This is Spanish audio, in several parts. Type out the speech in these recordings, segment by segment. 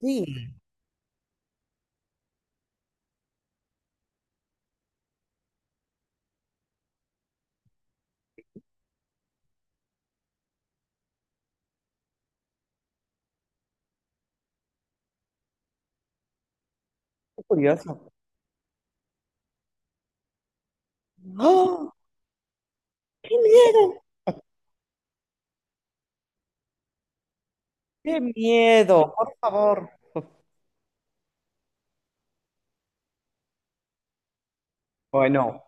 Sí, qué curioso. ¡Oh! ¡Qué miedo! ¡Qué miedo! Por favor. Bueno,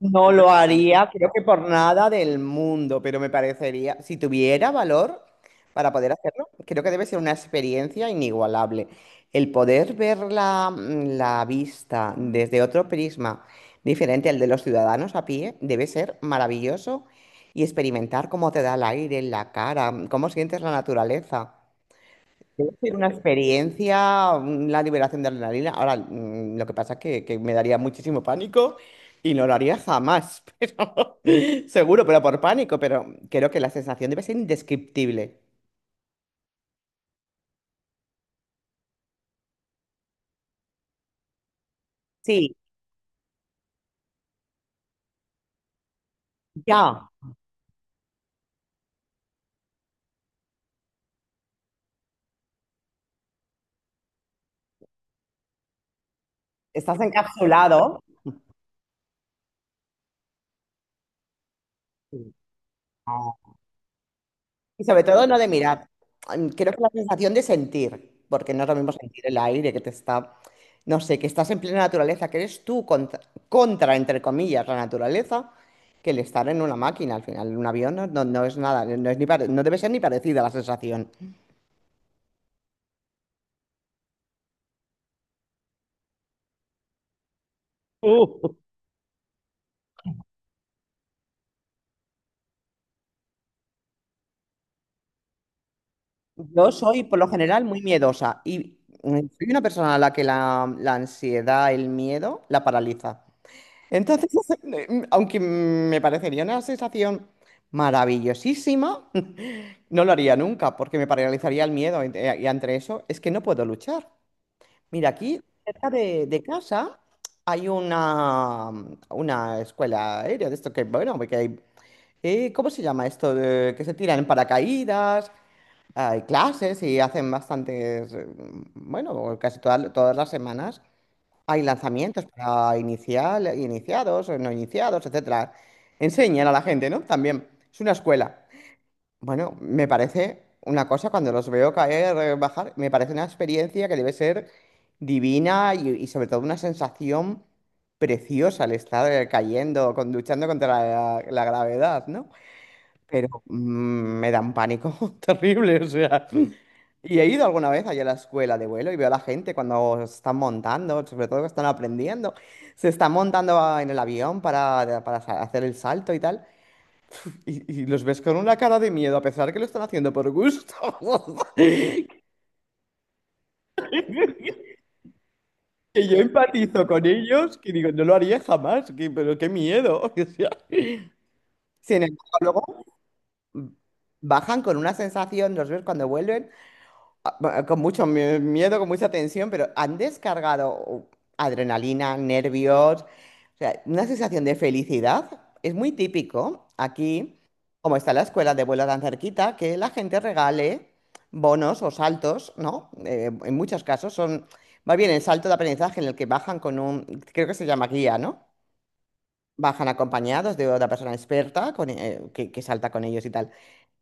no lo haría, creo que por nada del mundo, pero me parecería, si tuviera valor para poder hacerlo, creo que debe ser una experiencia inigualable. El poder ver la vista desde otro prisma diferente al de los ciudadanos a pie debe ser maravilloso y experimentar cómo te da el aire en la cara, cómo sientes la naturaleza. Debe ser una experiencia, la liberación de adrenalina. Ahora, lo que pasa es que me daría muchísimo pánico y no lo haría jamás, pero seguro, pero por pánico, pero creo que la sensación debe ser indescriptible. Sí, ya, estás encapsulado. Y sobre todo no de mirar. Creo que la sensación de sentir, porque no es lo mismo sentir el aire que te está, no sé, que estás en plena naturaleza, que eres tú contra, contra, entre comillas, la naturaleza, que el estar en una máquina, al final, un avión no es nada, no debe ser ni parecida la sensación. Yo soy, por lo general, muy miedosa y soy una persona a la que la ansiedad, el miedo, la paraliza. Entonces, aunque me parecería una sensación maravillosísima, no lo haría nunca porque me paralizaría el miedo y entre eso es que no puedo luchar. Mira, aquí cerca de casa hay una escuela aérea de esto que, bueno, que hay, ¿cómo se llama esto? Que se tiran en paracaídas, hay clases y hacen bastantes, bueno, todas las semanas. Hay lanzamientos para iniciados, no iniciados, etcétera. Enseñan a la gente, ¿no? También. Es una escuela. Bueno, me parece una cosa, cuando los veo caer, bajar, me parece una experiencia que debe ser divina y sobre todo una sensación preciosa el estar cayendo, con, luchando contra la gravedad, ¿no? Pero me da un pánico terrible, o sea. Y he ido alguna vez allá a la escuela de vuelo y veo a la gente cuando se están montando, sobre todo que están aprendiendo, se están en el avión hacer el salto y tal, y los ves con una cara de miedo, a pesar que lo están haciendo por gusto. Que yo empatizo con ellos, que digo, no lo haría jamás, pero qué miedo. O sea. Sin embargo, luego bajan con una sensación, los ves cuando vuelven, con mucho miedo, con mucha tensión, pero han descargado adrenalina, nervios, o sea, una sensación de felicidad. Es muy típico aquí, como está la escuela de vuelo tan cerquita, que la gente regale bonos o saltos, ¿no? En muchos casos son, más bien el salto de aprendizaje en el que bajan con un, creo que se llama guía, ¿no? Bajan acompañados de otra persona experta con, que salta con ellos y tal.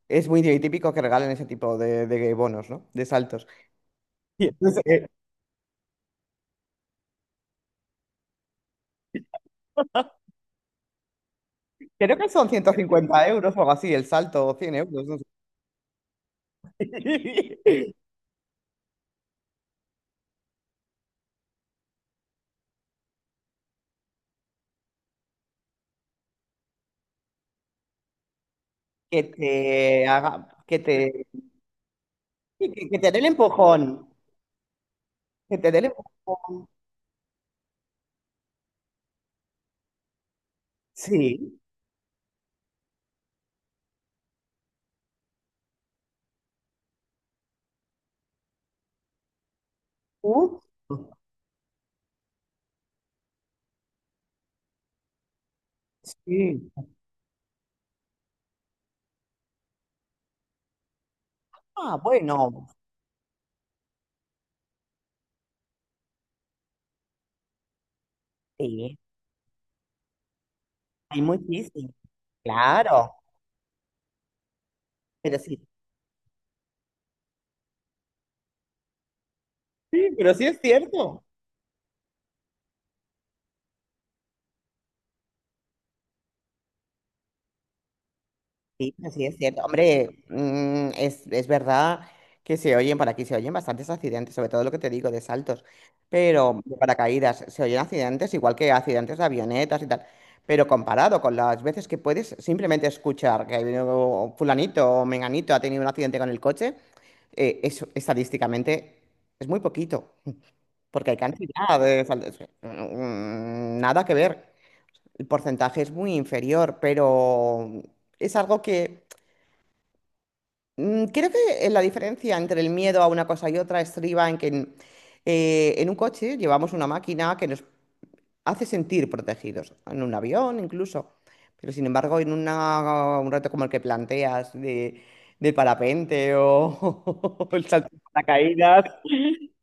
Es muy típico que regalen ese tipo de bonos, ¿no? De saltos. Y entonces, creo que son 150 euros o algo así, el salto, o 100 euros, no sé. Que te haga, que te, sí, que te dé el empujón, que te dé el empujón. Sí, uh, sí. Ah, bueno, sí, hay muchísimo, claro, pero sí. Sí, pero sí es cierto. Sí, sí, es cierto. Hombre, es verdad que se oyen, por aquí se oyen bastantes accidentes, sobre todo lo que te digo de saltos, pero de paracaídas, se oyen accidentes igual que accidentes de avionetas y tal, pero comparado con las veces que puedes simplemente escuchar que ha habido fulanito o menganito ha tenido un accidente con el coche, eso estadísticamente es muy poquito, porque hay cantidad de nada que ver. El porcentaje es muy inferior, pero es algo que creo que la diferencia entre el miedo a una cosa y otra estriba en en un coche llevamos una máquina que nos hace sentir protegidos, en un avión incluso. Pero sin embargo, en un reto como el que planteas de, del parapente o, o el salto de paracaídas,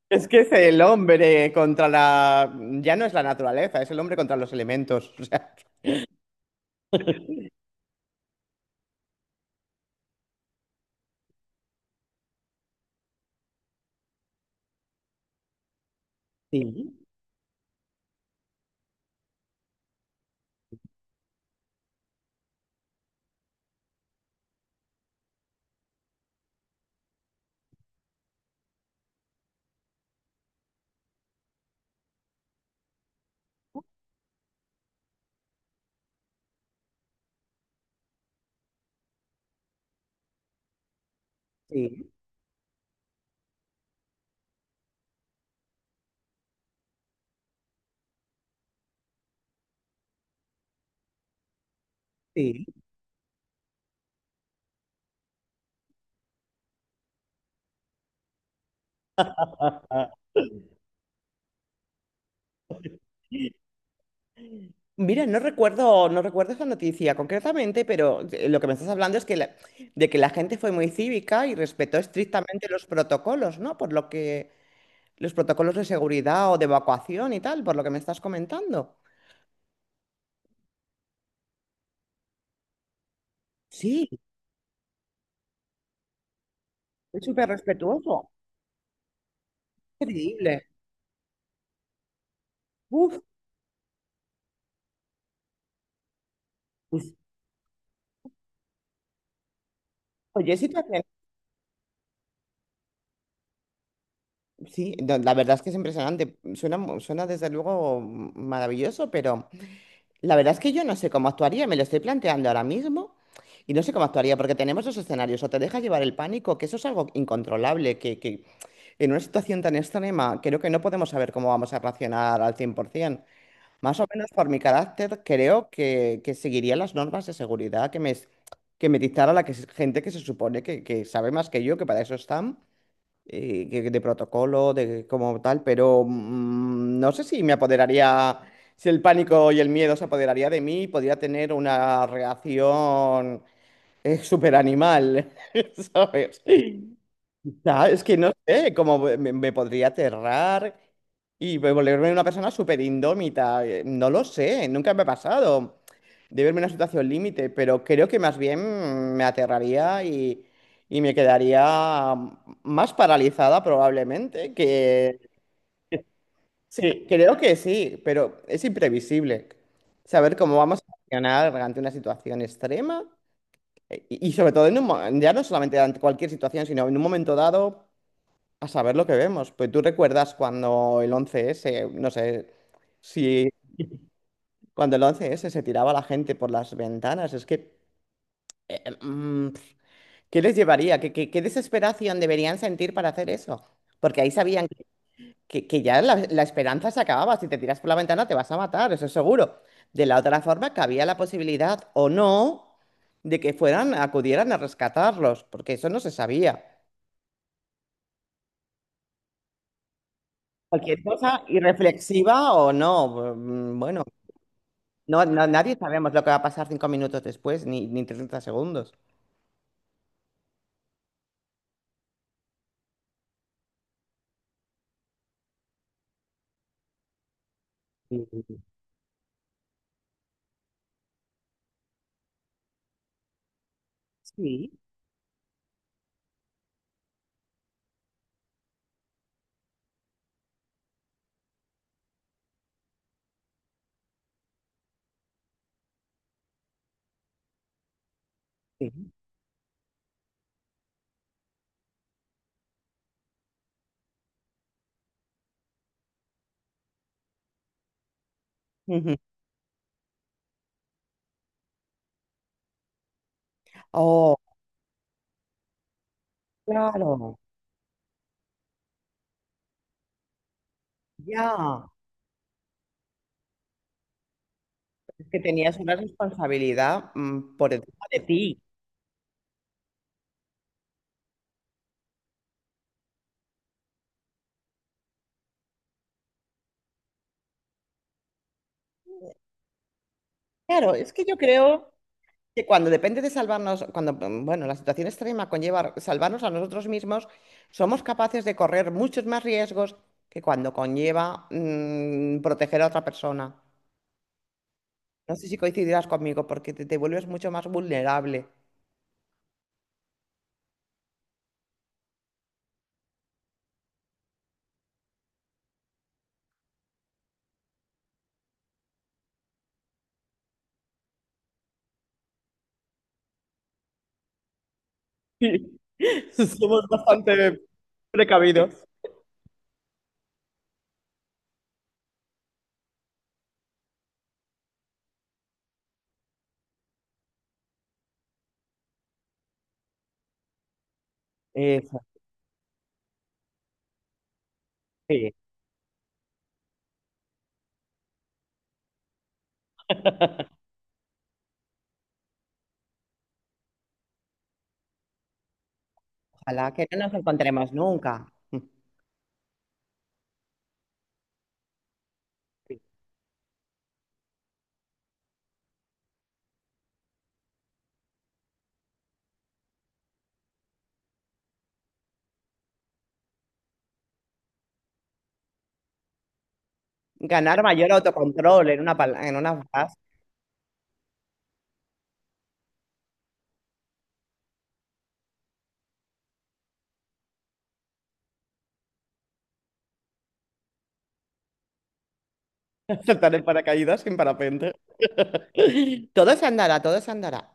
es que es el hombre contra la... Ya no es la naturaleza, es el hombre contra los elementos. O sea, sí, sí, sí. Mira, no recuerdo esa noticia concretamente, pero lo que me estás hablando es que de que la gente fue muy cívica y respetó estrictamente los protocolos, ¿no? Por lo que los protocolos de seguridad o de evacuación y tal, por lo que me estás comentando. Sí, es súper respetuoso. Increíble. Uf, pues, oye, situación. Sí, no, la verdad es que es impresionante. Suena, suena desde luego maravilloso, pero la verdad es que yo no sé cómo actuaría, me lo estoy planteando ahora mismo y no sé cómo actuaría porque tenemos dos escenarios, o te deja llevar el pánico, que eso es algo incontrolable, que en una situación tan extrema creo que no podemos saber cómo vamos a reaccionar al 100%. Más o menos por mi carácter creo que seguiría las normas de seguridad que me dictara gente que se supone que sabe más que yo, que para eso están de protocolo, de como tal, pero no sé si me apoderaría, si el pánico y el miedo se apoderaría de mí, podría tener una reacción super súper animal, ¿sabes? No, es que no sé, como me podría aterrar y volverme una persona súper indómita. No lo sé, nunca me ha pasado de verme en una situación límite, pero creo que más bien me aterraría y me quedaría más paralizada probablemente que... Sí, creo que sí, pero es imprevisible saber cómo vamos a reaccionar ante una situación extrema y sobre todo en ya no solamente ante cualquier situación, sino en un momento dado. A saber lo que vemos. Pues tú recuerdas cuando el once s no sé, si cuando el once s se tiraba la gente por las ventanas, es que, eh, mm, ¿qué les llevaría? ¿Qué, qué desesperación deberían sentir para hacer eso? Porque ahí sabían que, que ya la esperanza se acababa. Si te tiras por la ventana te vas a matar, eso es seguro. De la otra forma, que había la posibilidad o no de que fueran, acudieran a rescatarlos, porque eso no se sabía. Cualquier cosa irreflexiva o no, bueno. No, no, nadie sabemos lo que va a pasar 5 minutos después, ni, ni 30 segundos. Sí, sí, sí. Ujú. Oh, claro, ya. Es que tenías una responsabilidad por encima de ti. Claro, es que yo creo que cuando depende de salvarnos, cuando, bueno, la situación extrema conlleva salvarnos a nosotros mismos, somos capaces de correr muchos más riesgos que cuando conlleva proteger a otra persona. No sé si coincidirás conmigo, porque te vuelves mucho más vulnerable. Somos bastante precavidos. Eso, sí. Ojalá que no nos encontremos nunca. Sí. Ganar mayor autocontrol en en una frase. Saltar en paracaídas sin parapente. Todo se andará, todo se andará.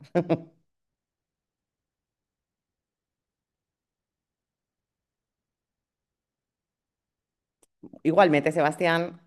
Igualmente, Sebastián.